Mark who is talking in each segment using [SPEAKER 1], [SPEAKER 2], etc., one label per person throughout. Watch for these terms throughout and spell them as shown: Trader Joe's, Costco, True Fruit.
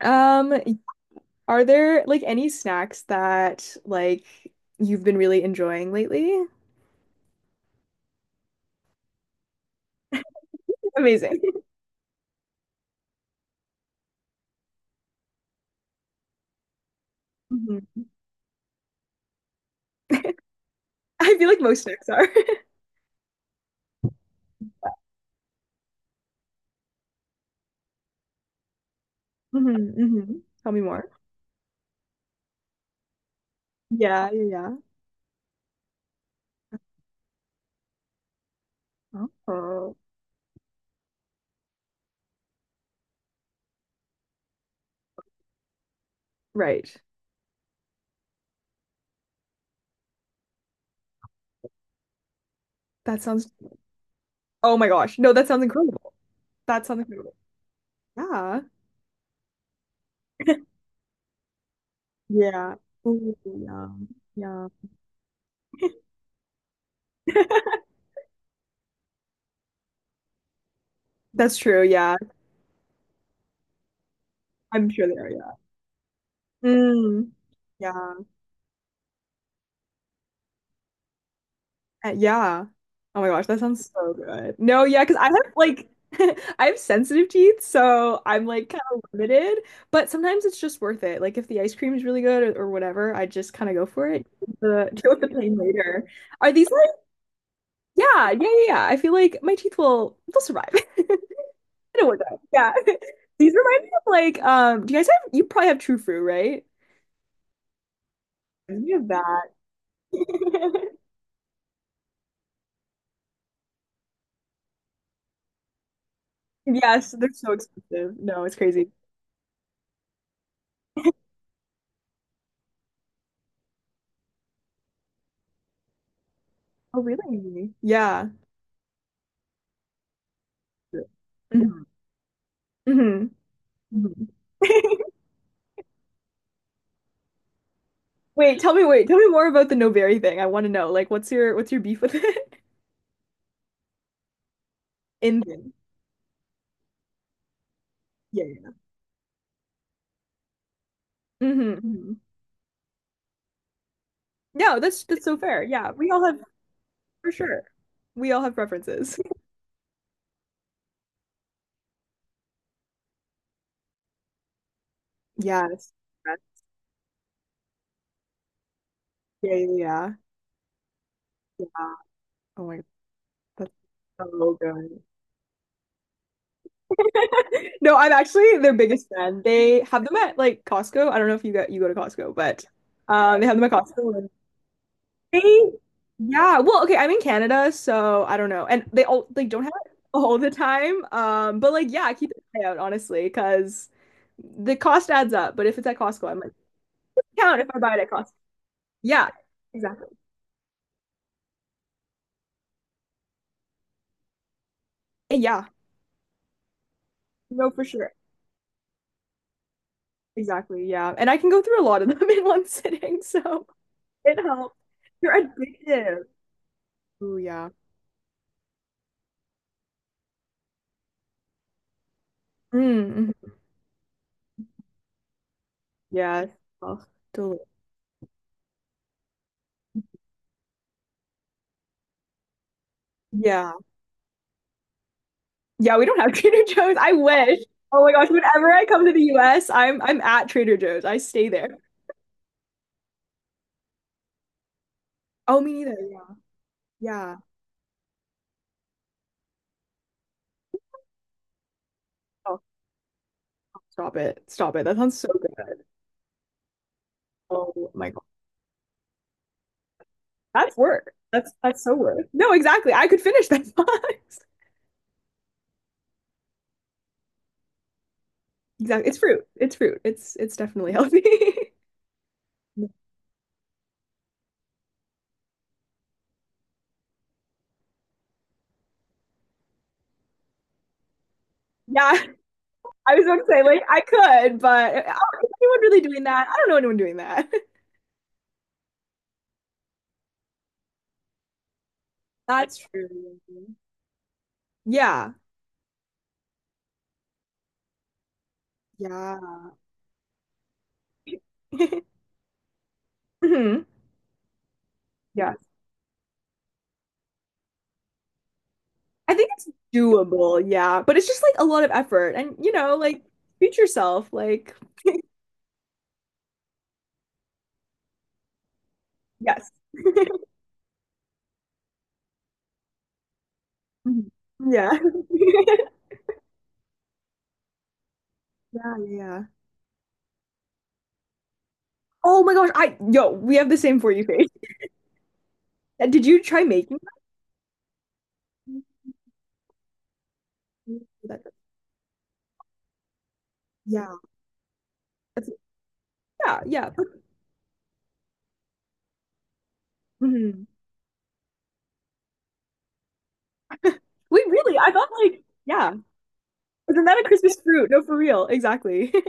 [SPEAKER 1] Um, are there like any snacks that like you've been really enjoying lately? Amazing. Mhm. I feel like most snacks are. Mhm, mhm. Tell me more. Yeah, yeah, yeah. Oh, right. That sounds, oh my gosh. No, that sounds incredible. That sounds incredible. Yeah. Yeah. Ooh, yeah, yum. That's true. Yeah. I'm sure they are. Yeah. Mm. Yeah. Yeah. Oh my gosh, that sounds so good. No, yeah, because I have like I have sensitive teeth, so I'm like kind of limited, but sometimes it's just worth it. Like if the ice cream is really good or whatever, I just kind of go for it. Deal with the pain later. Are these like yeah, yeah, yeah, yeah. I feel like my teeth will they'll survive. It'll work out. Yeah. These remind me of like do you guys have you probably have True Fruit, right? Reminds me of that. Yes, they're so expensive. No, it's crazy. Oh, really? Yeah. Mhm. Mhm. Mhm. Wait, tell me more about the no berry thing. I want to know, like, what's your beef with it? In yeah, yeah. Hmm, hmm. No, that's so fair. Yeah, we all have for sure. We all have preferences. Yes. Yes. Yeah, yeah, yeah. Yeah. Oh my God, that's so good. No, I'm actually their biggest fan. They have them at like Costco. I don't know if you go to Costco, but they have them at Costco. They, yeah. Well, okay, I'm in Canada, so I don't know. And they don't have it all the time. But like yeah, keep an eye out, honestly, because the cost adds up. But if it's at Costco, I might count if I buy it at Costco. Yeah, exactly. Eh, yeah. No, for sure. Exactly. Yeah. And I can go through a lot of them in one sitting, so it helps. They're addictive. Oh yeah. Mm, mm-hmm. Yeah. Oh, deli- yeah. Yeah, we don't have Trader Joe's. I wish. Oh my gosh, whenever I come to the US, I'm at Trader Joe's. I stay there. Oh, me neither. Yeah. Yeah. Oh, stop it. Stop it. That sounds so good. Oh my God. That's work. That's so work. No, exactly. I could finish that box. Exactly. It's fruit. It's fruit. It's definitely healthy. Yeah, I was about to say, like, I could, but is anyone really doing that? I don't know anyone doing that. That's true. Yeah. Yeah. Mhm. Yeah. I think it's doable, yeah. But it's just like a lot of effort and you know, like treat yourself, like yes. Mhm. Yeah. Yeah, yeah. Oh my gosh, I yo, we have the same for you face. And did you try making? Yeah. That's- yeah, yeah. Mhm. Wait, really? I thought like yeah. Isn't that a Christmas fruit? No, for real. Exactly.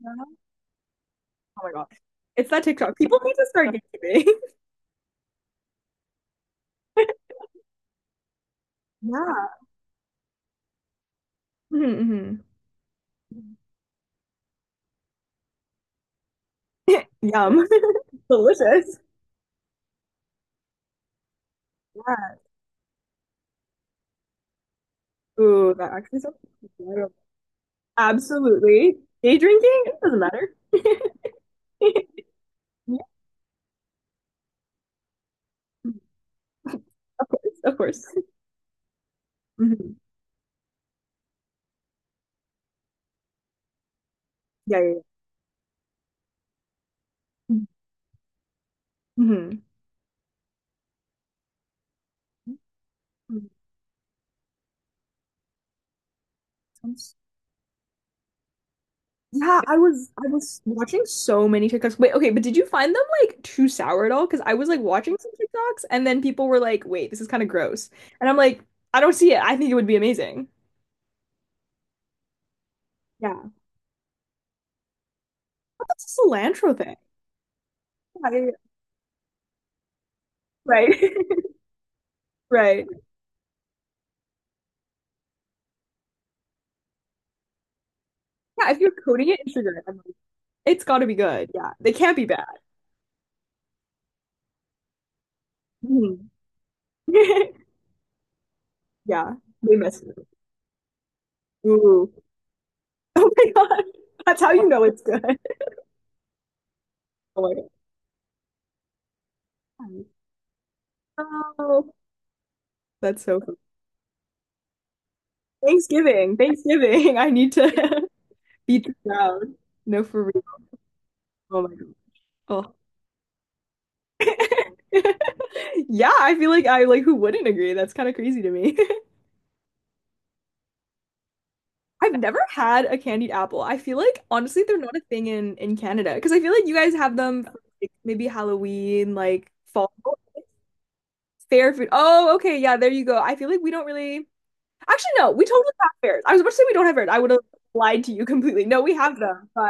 [SPEAKER 1] Yeah. Oh my god. It's that TikTok. People need to start getting it. Yeah. Hmm. Yum. Delicious. Yeah. Ooh, that actually sounds incredible. Absolutely. Day drinking? It doesn't matter. Yeah, of course, of course. Mhm. Yeah, yeah, yeah. Mhm. Mhm. Sounds- yeah, I was watching so many TikToks. Wait, okay, but did you find them like too sour at all? Because I was like watching some TikToks and then people were like, wait, this is kind of gross. And I'm like, I don't see it. I think it would be amazing. Yeah. What's a cilantro thing? Yeah, yeah, yeah. Right. Right. Yeah, if you're coating it in sugar, it's got to be good. Yeah, they can't be bad. Mhm. Yeah, they messed it up. Ooh. Oh my God. That's how you know it's good. Oh my God. Oh, that's so funny. Thanksgiving, Thanksgiving. I need to beat the crowd. No, for real. Oh my God. Oh. Yeah, I feel like I like who wouldn't agree? That's kind of crazy to me. I've never had a candied apple. I feel like honestly they're not a thing in Canada because I feel like you guys have them for, like, maybe Halloween, like fall. Fair food. Oh, okay, yeah, there you go. I feel like we don't really. Actually, no, we totally have fairs. I was about to say we don't have fairs. I would have lied to you completely. No, we have them, but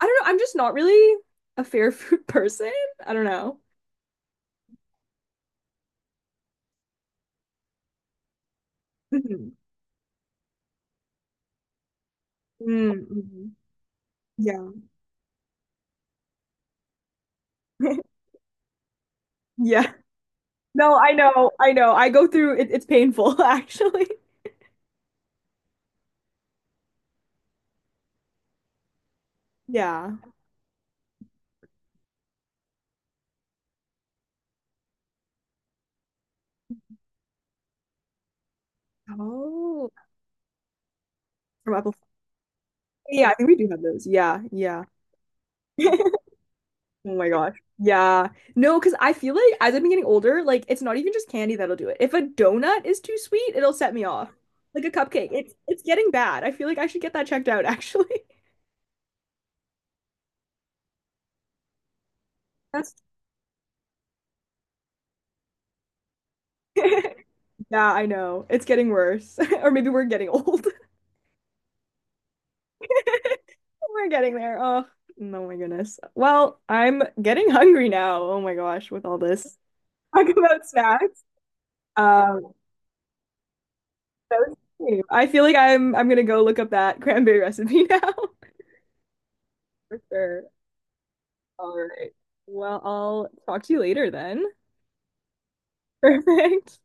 [SPEAKER 1] I don't know. I'm just not really a fair food person. I don't know. Mhm. Mm, mhm. Yeah. Yeah. No, I know. I know. I go through it, it's painful, actually. Yeah. Oh, from Apple. Yeah, I think we do have those. Yeah, yeah. Oh my gosh. Yeah. No, because I feel like as I've been getting older, like it's not even just candy that'll do it. If a donut is too sweet, it'll set me off. Like a cupcake. It's getting bad. I feel like I should get that checked out actually. That's yeah, I know. It's getting worse. Or maybe we're getting old. We're getting there. Oh, no, my goodness. Well, I'm getting hungry now. Oh my gosh, with all this talk about snacks. Um, that was cute. I feel like I'm gonna go look up that cranberry recipe now. For sure. All right. Well, I'll talk to you later then. Perfect.